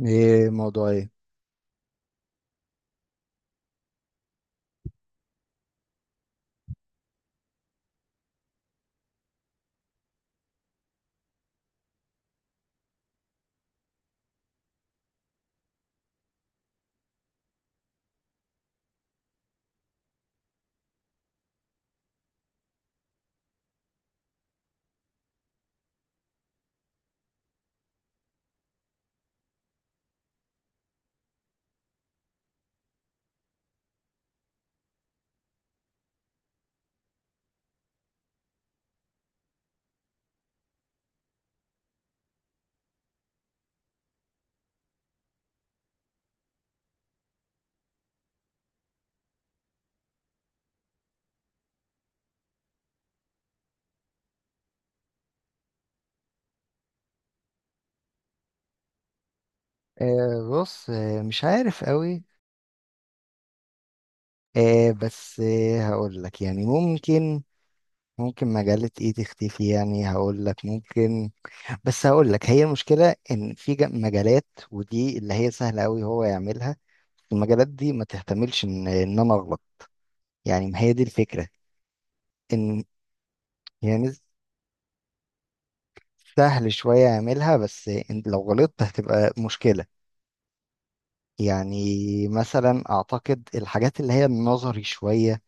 ايه موضوع ايه؟ بص، مش عارف قوي. بس، هقول لك يعني ممكن. ممكن مجلة ايه تختفي، يعني هقول لك ممكن. بس هقول لك، هي المشكلة ان في مجالات، ودي اللي هي سهلة قوي هو يعملها. المجالات دي ما تحتملش ان انا اغلط. يعني ما هي دي الفكرة. ان يعني سهل شوية يعملها، بس إن لو غلطت هتبقى مشكلة. يعني مثلا اعتقد الحاجات اللي هي النظري شوية،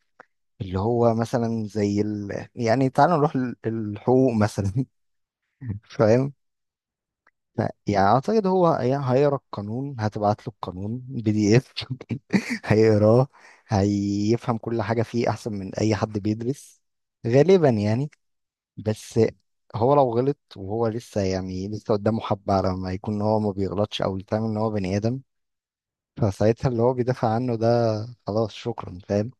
اللي هو مثلا يعني تعالى نروح الحقوق مثلا. فاهم. ف- يعني اعتقد هو هيقرا القانون، هتبعت له القانون بي دي اف. هيقراه، هيفهم كل حاجة فيه احسن من اي حد بيدرس، غالبا يعني. بس هو لو غلط وهو لسه، يعني لسه قدامه حبة على ما يكون هو ما بيغلطش او يفهم ان هو بني ادم. فساعتها اللي هو بيدافع عنه ده، خلاص شكرا، فاهم.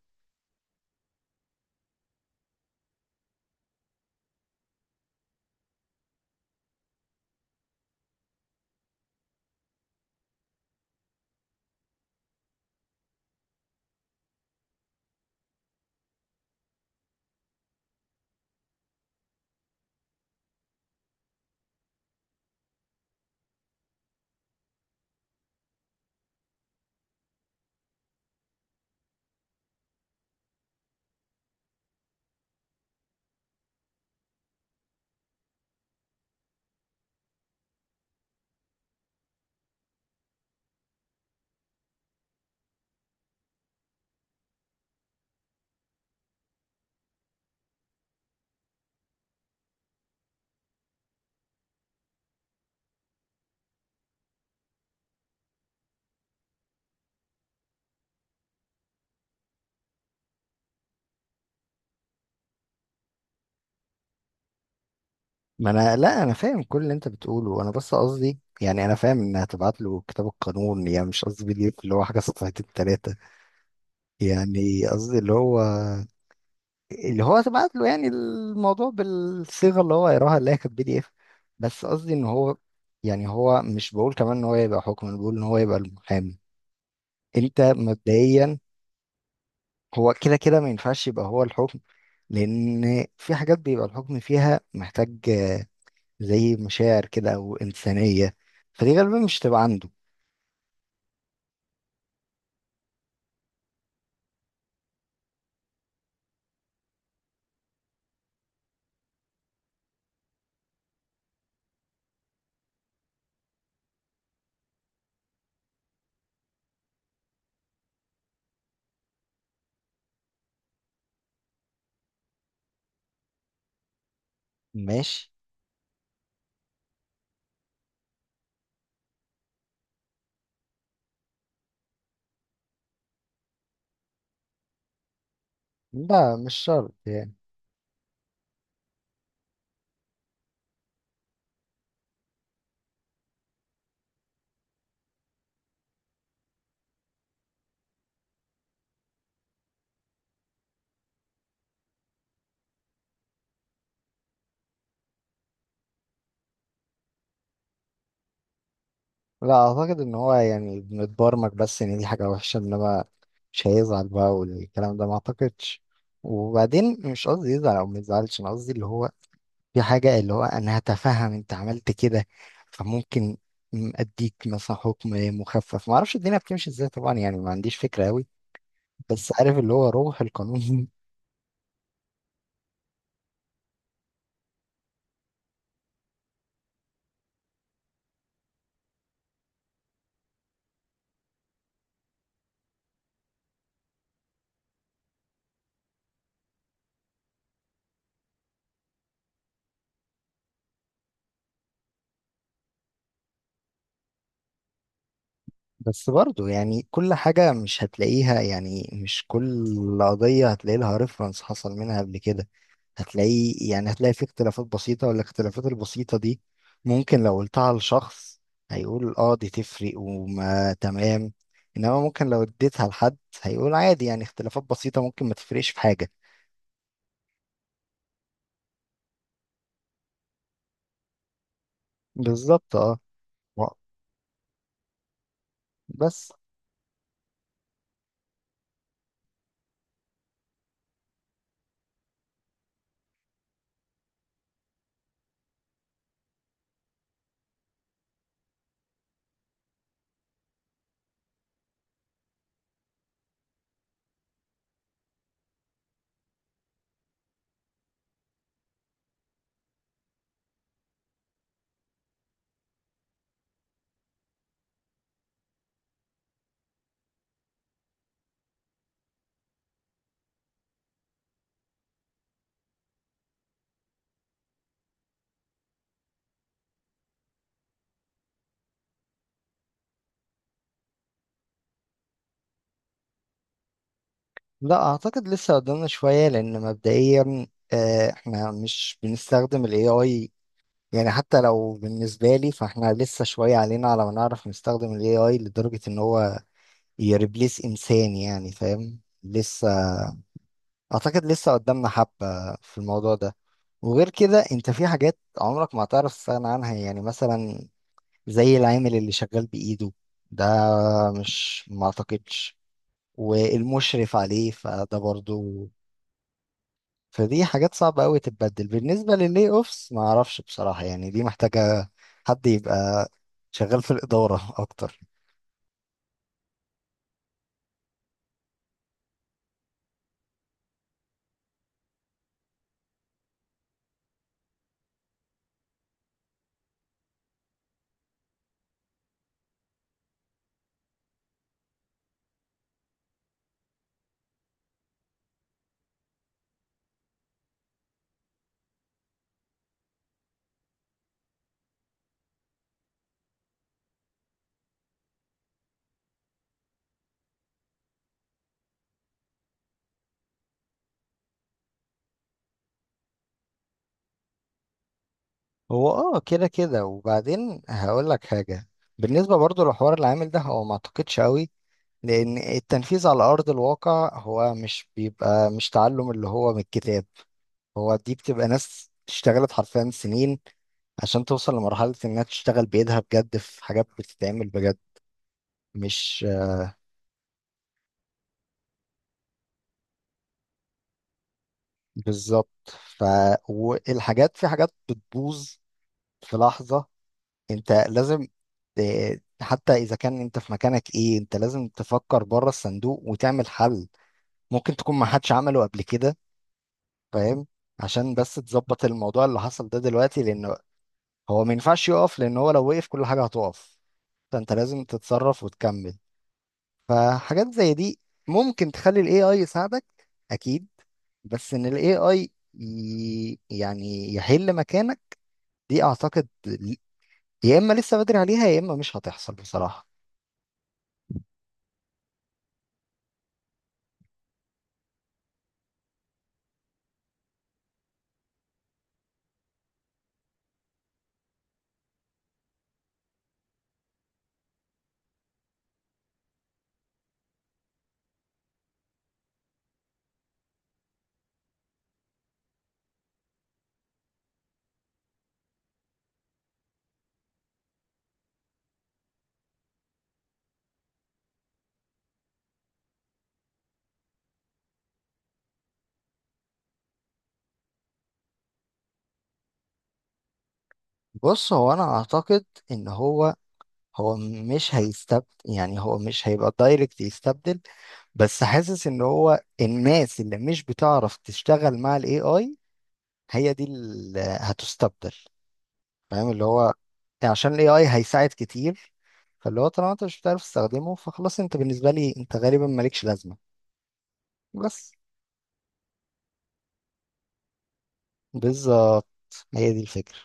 ما انا، لا انا فاهم كل اللي انت بتقوله، وانا بس قصدي يعني انا فاهم ان هتبعت له كتاب القانون، يعني مش قصدي بي دي اف اللي هو حاجه صفحتين ثلاثه. يعني قصدي اللي هو، اللي هو هتبعت له يعني الموضوع بالصيغه اللي هو يقراها، اللي هي كانت بي دي اف. بس قصدي ان هو، يعني هو مش بقول كمان ان هو يبقى حكم، انا بقول ان هو يبقى المحامي. انت مبدئيا، هو كده كده ما ينفعش يبقى هو الحكم، لان في حاجات بيبقى الحكم فيها محتاج زي مشاعر كده او انسانيه، فدي غالبا مش تبقى عنده. ماشي. لا، مش شرط يعني. لا اعتقد ان هو يعني بنتبرمج بس ان دي حاجه وحشه، انما مش هيزعل بقى، والكلام ده ما اعتقدش. وبعدين مش قصدي يزعل او ما يزعلش، انا قصدي اللي هو في حاجة اللي هو أنا هتفهم أنت عملت كده، فممكن أديك مثلا حكم مخفف. معرفش الدنيا بتمشي إزاي طبعا، يعني ما عنديش فكرة أوي، بس عارف اللي هو روح القانون. بس برضو يعني كل حاجة مش هتلاقيها، يعني مش كل قضية هتلاقي لها ريفرنس حصل منها قبل كده. هتلاقي، يعني هتلاقي في اختلافات بسيطة، والاختلافات البسيطة دي ممكن لو قلتها لشخص هيقول اه دي تفرق وما تمام، انما ممكن لو اديتها لحد هيقول عادي، يعني اختلافات بسيطة ممكن ما تفرقش في حاجة. بالظبط اه. و- بس لا، اعتقد لسه قدامنا شوية، لان مبدئيا احنا مش بنستخدم الاي اي. يعني حتى لو بالنسبة لي، فاحنا لسه شوية علينا على ما نعرف نستخدم ال AI لدرجة ان هو يريبليس انسان يعني، فاهم؟ لسه اعتقد لسه قدامنا حبة في الموضوع ده. وغير كده انت في حاجات عمرك ما هتعرف تستغنى عنها، يعني مثلا زي العامل اللي شغال بإيده ده، مش، ما اعتقدش. والمشرف عليه فده برضو، فدي حاجات صعبة قوي تتبدل. بالنسبة لللي اوفس ما اعرفش بصراحة، يعني دي محتاجة حد يبقى شغال في الإدارة اكتر. هو اه كده كده. وبعدين هقول لك حاجة، بالنسبة برضو لحوار العامل ده، هو ما اعتقدش قوي، لان التنفيذ على ارض الواقع هو مش بيبقى مش تعلم اللي هو من الكتاب. هو دي بتبقى ناس اشتغلت حرفيا سنين عشان توصل لمرحلة انها تشتغل بايدها بجد في حاجات بتتعمل بجد. مش، بالظبط. ف والحاجات، في حاجات بتبوظ في لحظة، انت لازم حتى اذا كان انت في مكانك ايه، انت لازم تفكر بره الصندوق وتعمل حل ممكن تكون ما حدش عمله قبل كده، فاهم؟ عشان بس تظبط الموضوع اللي حصل ده دلوقتي، لانه هو ما ينفعش يقف، لان هو لو وقف كل حاجة هتقف. فانت لازم تتصرف وتكمل. فحاجات زي دي ممكن تخلي ال AI يساعدك، أكيد. بس إن ال AI يعني يحل مكانك، دي أعتقد، يا إما لسه بدري عليها، يا إما مش هتحصل بصراحة. بص، هو أنا أعتقد إن هو، هو مش هيستبدل، يعني هو مش هيبقى دايركت يستبدل. بس حاسس إن هو الناس اللي مش بتعرف تشتغل مع ال AI هي دي اللي هتستبدل، فاهم؟ اللي هو يعني عشان الاي اي هيساعد كتير، فاللي هو طالما انت مش بتعرف تستخدمه فخلاص، انت بالنسبه لي انت غالبا مالكش لازمه. بس بالظبط، هي دي الفكره.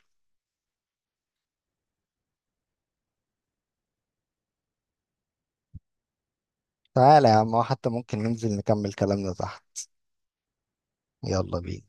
تعالى يا عم، حتى ممكن ننزل نكمل كلامنا تحت. يلا بينا.